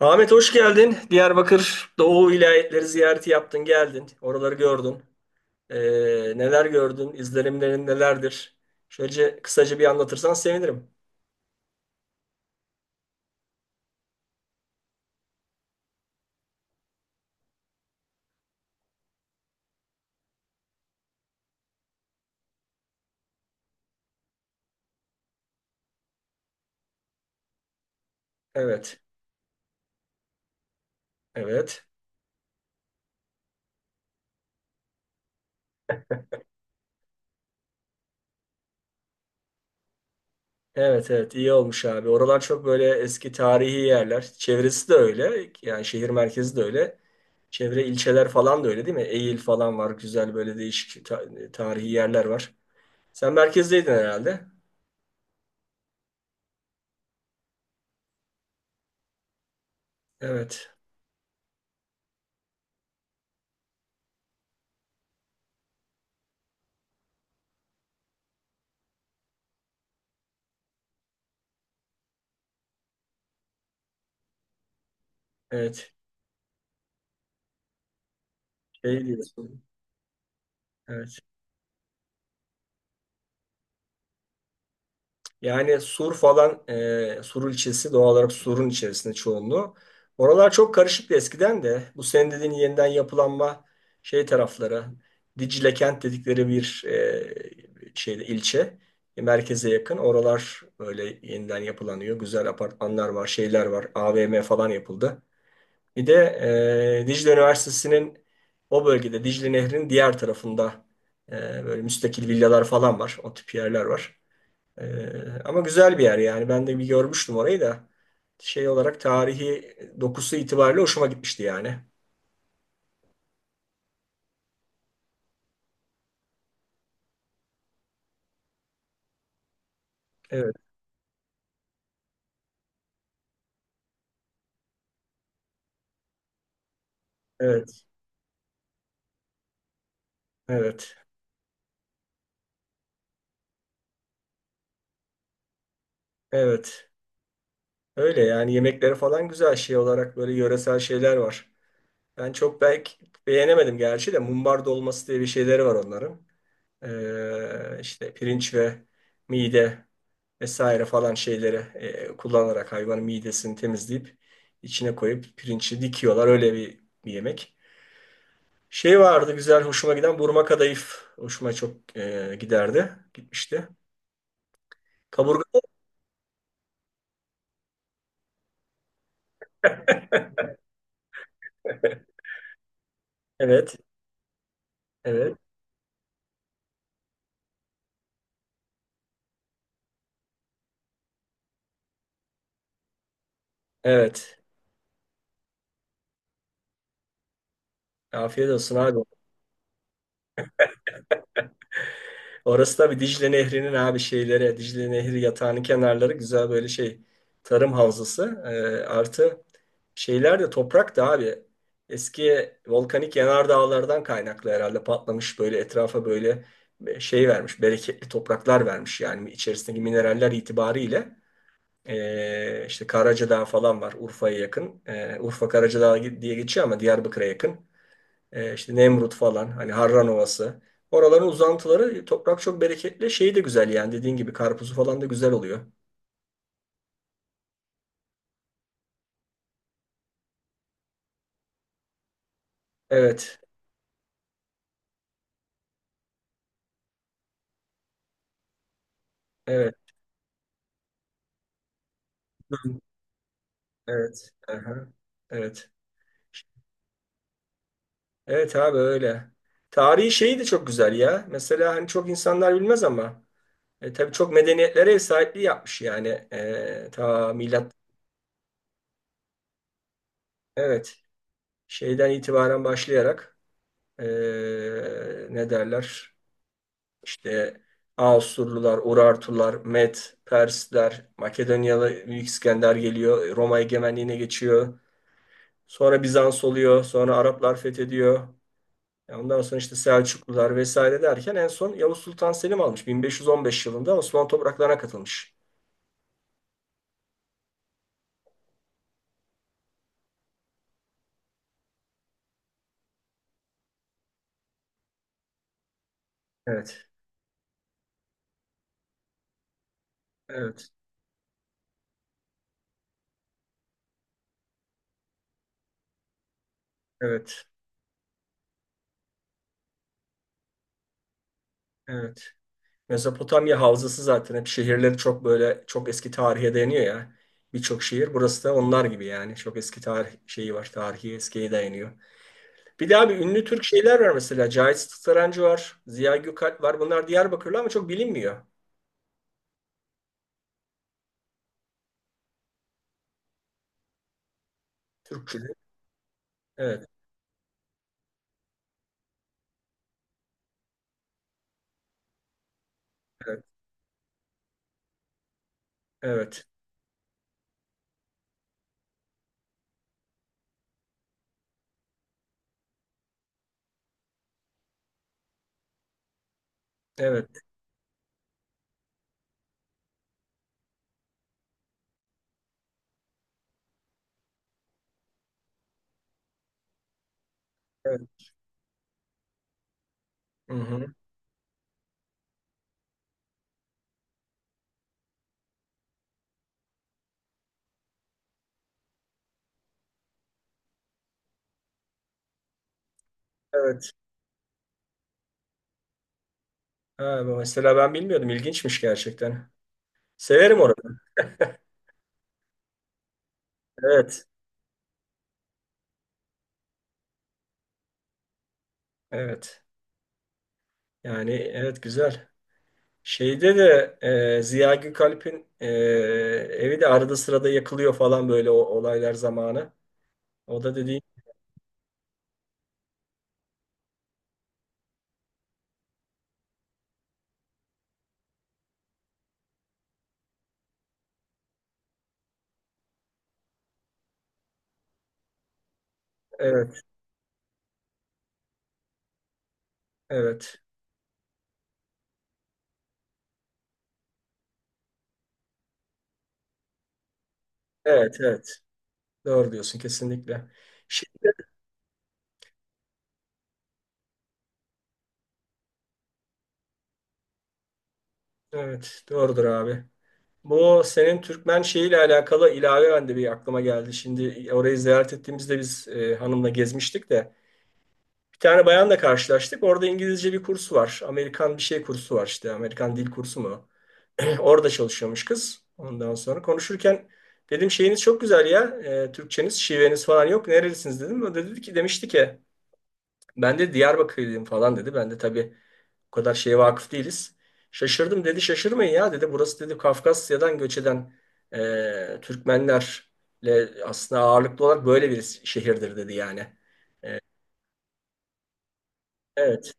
Ahmet hoş geldin. Diyarbakır Doğu vilayetleri ziyareti yaptın, geldin. Oraları gördün. Ee, neler gördün? İzlenimlerin nelerdir? Şöyle kısaca bir anlatırsan sevinirim. Evet, evet. Evet, evet, iyi olmuş abi. Oralar çok böyle eski tarihi yerler. Çevresi de öyle. Yani şehir merkezi de öyle. Çevre ilçeler falan da öyle değil mi? Eğil falan var. Güzel böyle değişik tarihi yerler var. Sen merkezdeydin herhalde. Evet, evet. Şey diyorsun. Evet. Yani Sur falan, Sur ilçesi doğal olarak Sur'un içerisinde çoğunluğu. Oralar çok karışıktı eskiden de. Bu senin dediğin yeniden yapılanma şey tarafları, Dicle kent dedikleri bir şeyde ilçe, merkeze yakın. Oralar böyle yeniden yapılanıyor. Güzel apartmanlar var, şeyler var. AVM falan yapıldı. Bir de Dicle Üniversitesi'nin o bölgede Dicle Nehri'nin diğer tarafında e, böyle müstakil villalar falan var. O tip yerler var. Ama güzel bir yer yani. Ben de bir görmüştüm orayı da. Şey olarak tarihi dokusu itibariyle hoşuma gitmişti yani. Evet, evet, evet, evet. Öyle yani yemekleri falan güzel şey olarak böyle yöresel şeyler var. Ben çok belki beğenemedim gerçi de mumbar dolması diye bir şeyleri var onların. İşte pirinç ve mide vesaire falan şeyleri kullanarak hayvanın midesini temizleyip içine koyup pirinci dikiyorlar. Öyle bir, bir yemek. Şey vardı güzel hoşuma giden burma kadayıf. Hoşuma çok giderdi. Gitmişti. Kaburga. Evet. Evet. Evet. Afiyet olsun abi. Orası da bir Dicle Nehri'nin abi şeyleri. Dicle Nehri yatağının kenarları güzel böyle şey. Tarım havzası. E, artı şeyler de toprak da abi. Eski volkanik yanardağlardan kaynaklı herhalde patlamış böyle etrafa böyle şey vermiş. Bereketli topraklar vermiş yani içerisindeki mineraller itibariyle. İşte Karacadağ falan var Urfa'ya yakın. Urfa Karacadağ diye geçiyor ama Diyarbakır'a yakın. İşte Nemrut falan hani Harran Ovası. Oraların uzantıları toprak çok bereketli. Şeyi de güzel yani dediğin gibi karpuzu falan da güzel oluyor. Evet. Evet. Hı. Evet. Aha. Evet. Evet abi öyle. Tarihi şeyi de çok güzel ya. Mesela hani çok insanlar bilmez ama tabii çok medeniyetlere ev sahipliği yapmış yani. E, ta milat evet şeyden itibaren başlayarak e, ne derler? İşte Asurlular, Urartular, Med, Persler, Makedonyalı Büyük İskender geliyor, Roma egemenliğine geçiyor. Sonra Bizans oluyor, sonra Araplar fethediyor. Ya ondan sonra işte Selçuklular vesaire derken en son Yavuz Sultan Selim almış. 1515 yılında Osmanlı topraklarına katılmış. Evet, evet, evet, evet. Mezopotamya havzası zaten hep şehirleri çok böyle çok eski tarihe dayanıyor ya. Birçok şehir burası da onlar gibi yani. Çok eski tarih şeyi var. Tarihi eskiye dayanıyor. Bir de abi ünlü Türk şeyler var mesela. Cahit Sarancı var. Ziya Gökalp var. Bunlar Diyarbakırlı ama çok bilinmiyor. Türkçülük. Evet. Evet. Evet. Evet. Evet. Hı hı. Evet. Ha, bu mesela ben bilmiyordum. İlginçmiş gerçekten. Severim orayı. Evet. Evet. Yani evet güzel. Şeyde de Ziya Gökalp'in evi de arada sırada yakılıyor falan böyle o olaylar zamanı. O da dediğin evet, evet. Evet, evet. Doğru diyorsun kesinlikle. Şey, evet, doğrudur abi. Bu senin Türkmen şeyiyle alakalı ilave ben de bir aklıma geldi. Şimdi orayı ziyaret ettiğimizde biz hanımla gezmiştik de bir tane bayanla karşılaştık. Orada İngilizce bir kursu var. Amerikan bir şey kursu var işte. Amerikan dil kursu mu? Orada çalışıyormuş kız. Ondan sonra konuşurken dedim şeyiniz çok güzel ya. Türkçeniz, şiveniz falan yok. Nerelisiniz dedim. O da dedi ki demişti ki ben de Diyarbakırlıyım falan dedi. Ben de tabii o kadar şeye vakıf değiliz. Şaşırdım dedi. Şaşırmayın ya dedi. Burası dedi Kafkasya'dan göç eden Türkmenlerle aslında ağırlıklı olarak böyle bir şehirdir dedi yani. Evet,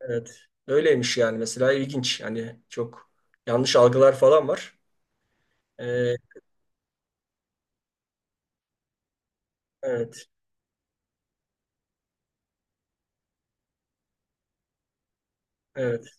evet. Öyleymiş yani mesela ilginç. Hani çok yanlış algılar falan var. E, evet, evet,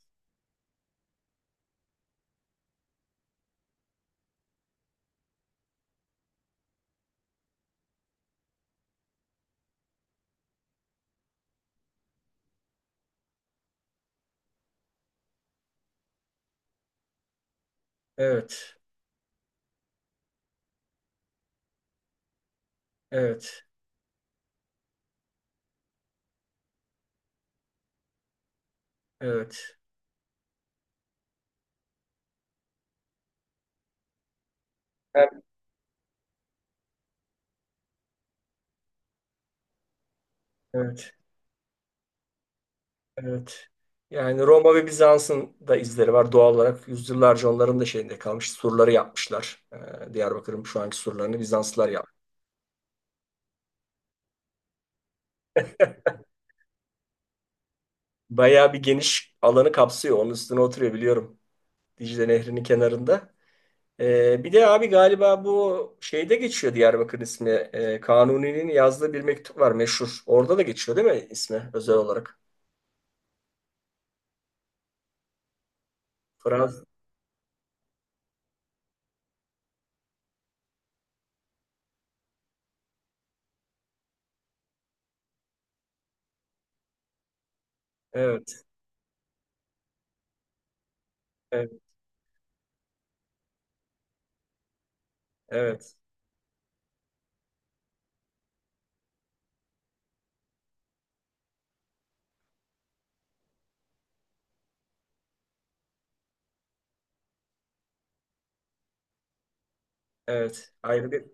evet. Evet, evet, yani evet, evet. Yani Roma ve Bizans'ın da izleri var doğal olarak. Yüzyıllarca onların da şeyinde kalmış. Surları yapmışlar. Diyarbakır'ın şu anki surlarını Bizanslılar yapmış. Bayağı bir geniş alanı kapsıyor. Onun üstüne oturuyor biliyorum. Dicle Nehri'nin kenarında. Bir de abi galiba bu şeyde geçiyor Diyarbakır ismi. Kanuni'nin yazdığı bir mektup var meşhur. Orada da geçiyor değil mi ismi özel olarak? Fransız. Evet, evet, evet, evet. Ayrı bir,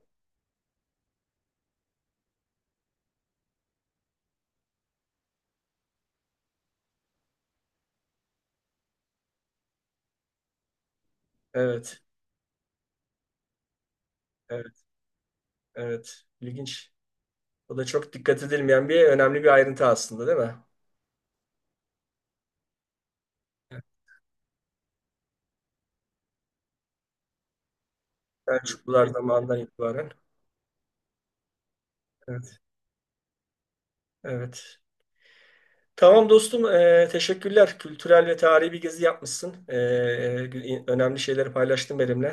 evet. Evet. Evet, ilginç. O da çok dikkat edilmeyen bir önemli bir ayrıntı aslında değil mi? Selçuklular zamanından itibaren. Evet, evet. Tamam dostum, teşekkürler. Kültürel ve tarihi bir gezi yapmışsın. Önemli şeyleri paylaştın benimle.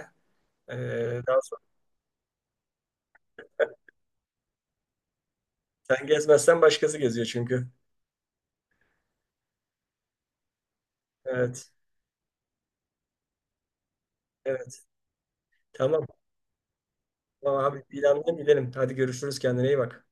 E, daha sonra sen gezmezsen başkası geziyor çünkü. Evet, evet. Tamam. Tamam abi, planlayalım gidelim. Hadi görüşürüz, kendine iyi bak.